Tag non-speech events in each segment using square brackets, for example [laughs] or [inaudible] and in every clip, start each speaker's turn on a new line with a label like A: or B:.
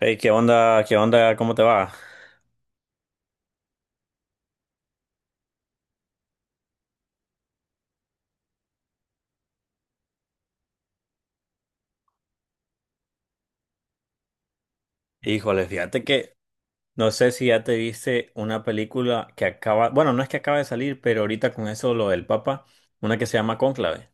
A: Hey, ¿qué onda? ¿Qué onda? ¿Cómo te va? Híjole, fíjate que no sé si ya te viste una película que acaba, bueno, no es que acaba de salir, pero ahorita con eso lo del Papa, una que se llama Cónclave.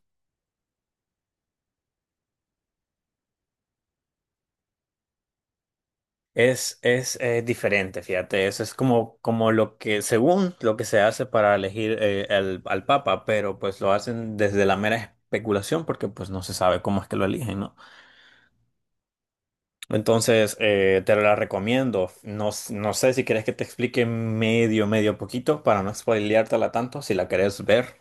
A: Es diferente, fíjate, eso es como, como lo que, según lo que se hace para elegir al al Papa, pero pues lo hacen desde la mera especulación porque pues no se sabe cómo es que lo eligen, ¿no? Entonces, te la recomiendo. No, no sé si quieres que te explique medio poquito para no spoileártela tanto. Si la querés ver,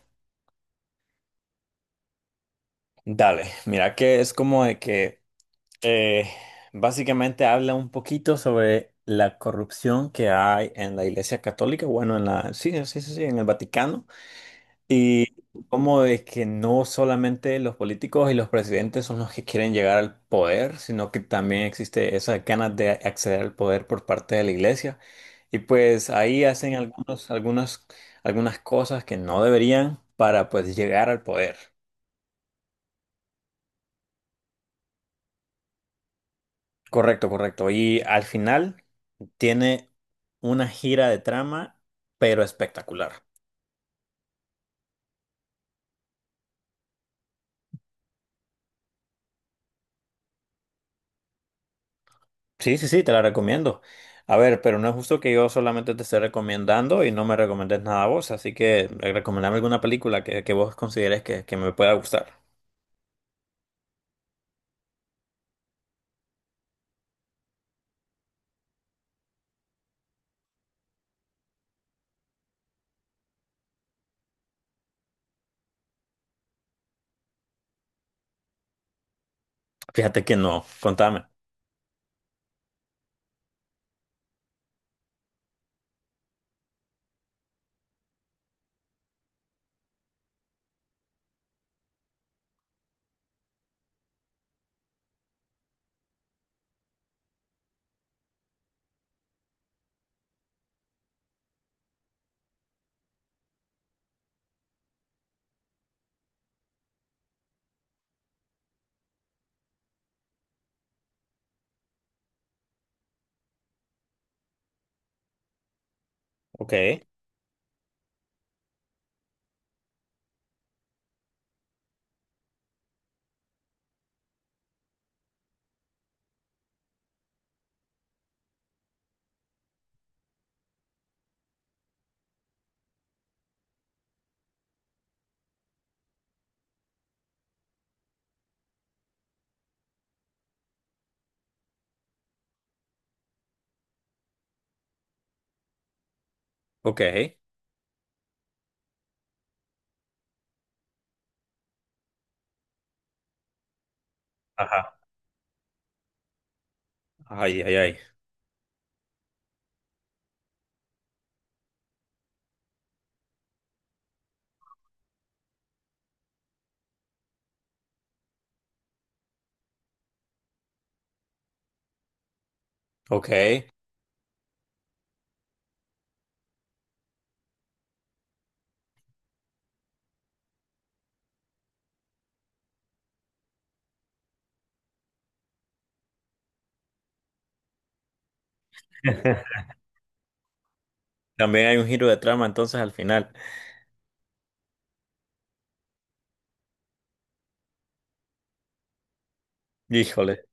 A: dale. Mira que es como de que eh, básicamente habla un poquito sobre la corrupción que hay en la Iglesia Católica. Bueno, en la, sí, sí, sí, sí, en el Vaticano. Y cómo es que no solamente los políticos y los presidentes son los que quieren llegar al poder, sino que también existe esa ganas de acceder al poder por parte de la iglesia. Y pues ahí hacen algunas, algunas cosas que no deberían para pues llegar al poder. Correcto, correcto. Y al final tiene una gira de trama, pero espectacular. Sí, sí, sí, te la recomiendo. A ver, pero no es justo que yo solamente te esté recomendando y no me recomiendes nada a vos, así que recomendame alguna película que vos consideres que me pueda gustar. Fíjate que no, contame. Ok, ok. Ajá. Ay, ay, ay. Ok. [laughs] También hay un giro de trama entonces al final. Híjole.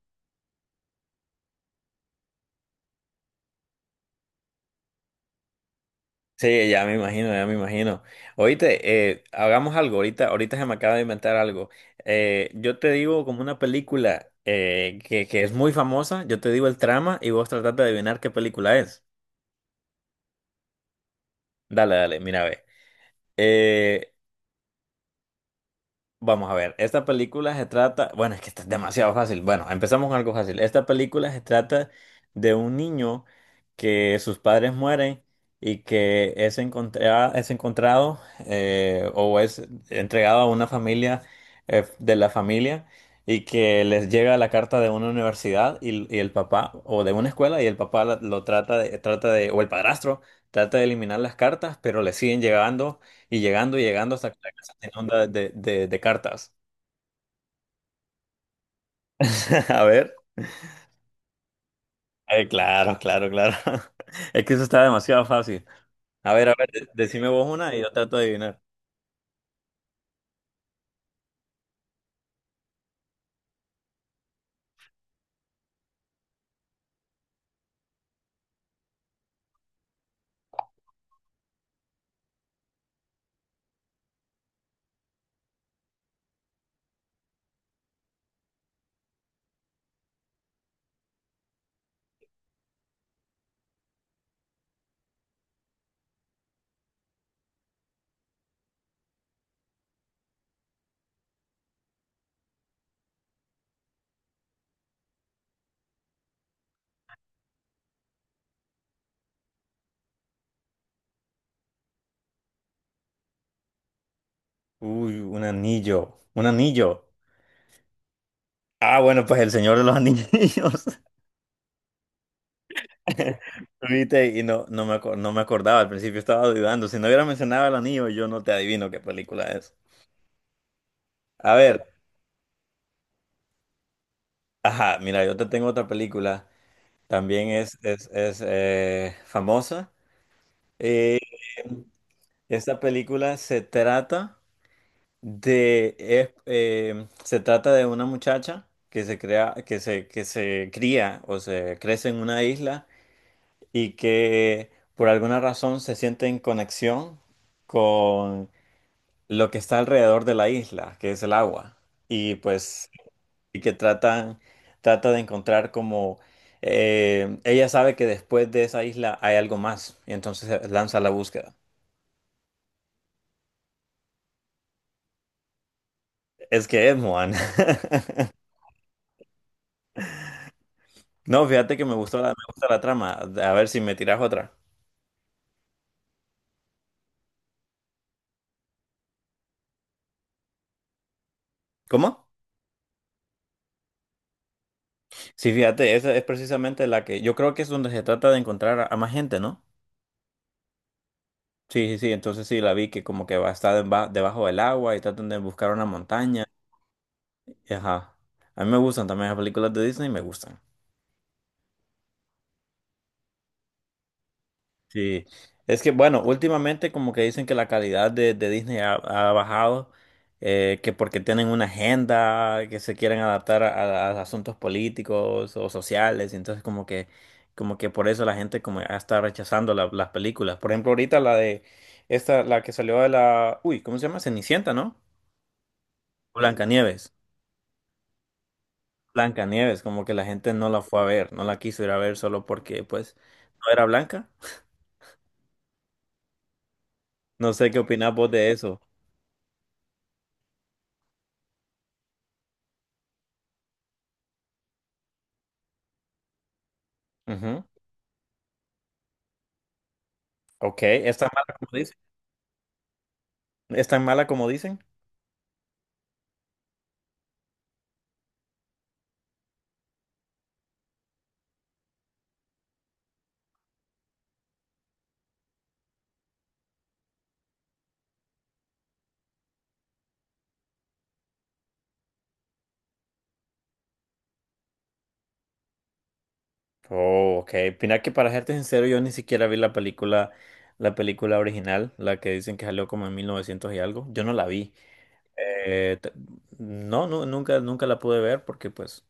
A: Sí, ya me imagino, ya me imagino. Oíste, hagamos algo, ahorita, ahorita se me acaba de inventar algo. Yo te digo como una película que es muy famosa, yo te digo el trama y vos tratás de adivinar qué película es. Dale, dale, mira, ve. Eh, Vamos a ver, esta película se trata, bueno, es que está demasiado fácil. Bueno, empezamos con algo fácil. Esta película se trata de un niño que sus padres mueren y que es encontrado o es entregado a una familia de la familia y que les llega la carta de una universidad y el papá, o de una escuela y el papá lo trata de, o el padrastro trata de eliminar las cartas, pero le siguen llegando y llegando y llegando hasta que la casa se onda de cartas. [laughs] A ver. Claro, claro, claro. [laughs] Es que eso está demasiado fácil. A ver, decime vos una y yo trato de adivinar. Uy, un anillo. Un anillo. Ah, bueno, pues el Señor de los Anillos. [laughs] Viste, y no, no me acordaba, al principio estaba dudando. Si no hubiera mencionado el anillo, yo no te adivino qué película es. A ver, ajá, mira, yo te tengo otra película. También es famosa. Esta película se trata se trata de una muchacha que se crea, que se cría o se crece en una isla y que por alguna razón se siente en conexión con lo que está alrededor de la isla, que es el agua. Y pues, y trata de encontrar como ella sabe que después de esa isla hay algo más, y entonces lanza la búsqueda. Es que es, Moan. No, fíjate que me gusta la trama. A ver si me tiras otra. ¿Cómo? Sí, fíjate, esa es precisamente la que yo creo que es donde se trata de encontrar a más gente, ¿no? Sí, sí, sí, entonces sí, la vi que como que va a estar debajo del agua y tratan de buscar una montaña. Ajá. A mí me gustan también las películas de Disney, me gustan. Sí, es que bueno, últimamente como que dicen que la calidad de Disney ha, ha bajado, que porque tienen una agenda, que se quieren adaptar a asuntos políticos o sociales, y entonces como que por eso la gente como ya está rechazando las películas. Por ejemplo, ahorita la de esta, la que salió de la, uy, ¿cómo se llama? Cenicienta, ¿no? Blancanieves. Blancanieves, como que la gente no la fue a ver, no la quiso ir a ver solo porque pues no era blanca. No sé qué opinás vos de eso. Ok, ¿es tan mala como dicen? ¿Es tan mala como dicen? Oh, ok. Mira que para serte sincero, yo ni siquiera vi la película original, la que dicen que salió como en 1900 y algo. Yo no la vi. Eh, t- no, no, nunca, nunca la pude ver porque pues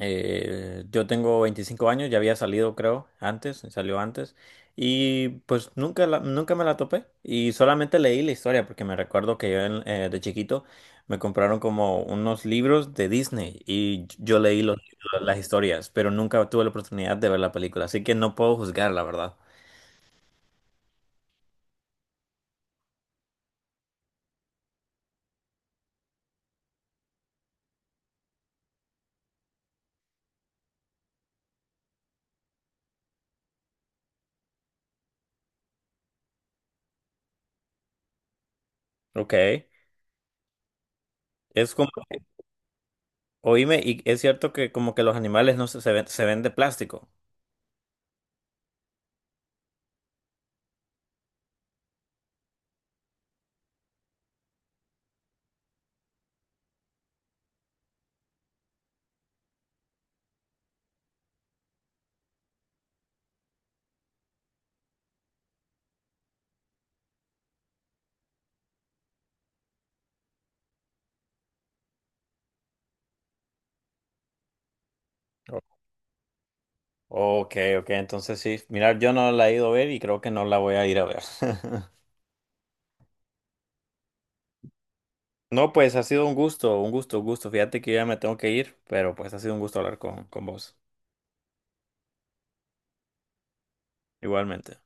A: Yo tengo 25 años, ya había salido creo antes, salió antes y pues nunca, nunca me la topé y solamente leí la historia porque me recuerdo que yo de chiquito me compraron como unos libros de Disney y yo leí las historias, pero nunca tuve la oportunidad de ver la película, así que no puedo juzgar la verdad. Ok, es como, oíme, y es cierto que como que los animales no se, se ven de plástico. Ok, ok, entonces sí. Mira, yo no la he ido a ver y creo que no la voy a ir a ver. [laughs] No, pues ha sido un gusto, un gusto, un gusto. Fíjate que yo ya me tengo que ir, pero pues ha sido un gusto hablar con vos. Igualmente.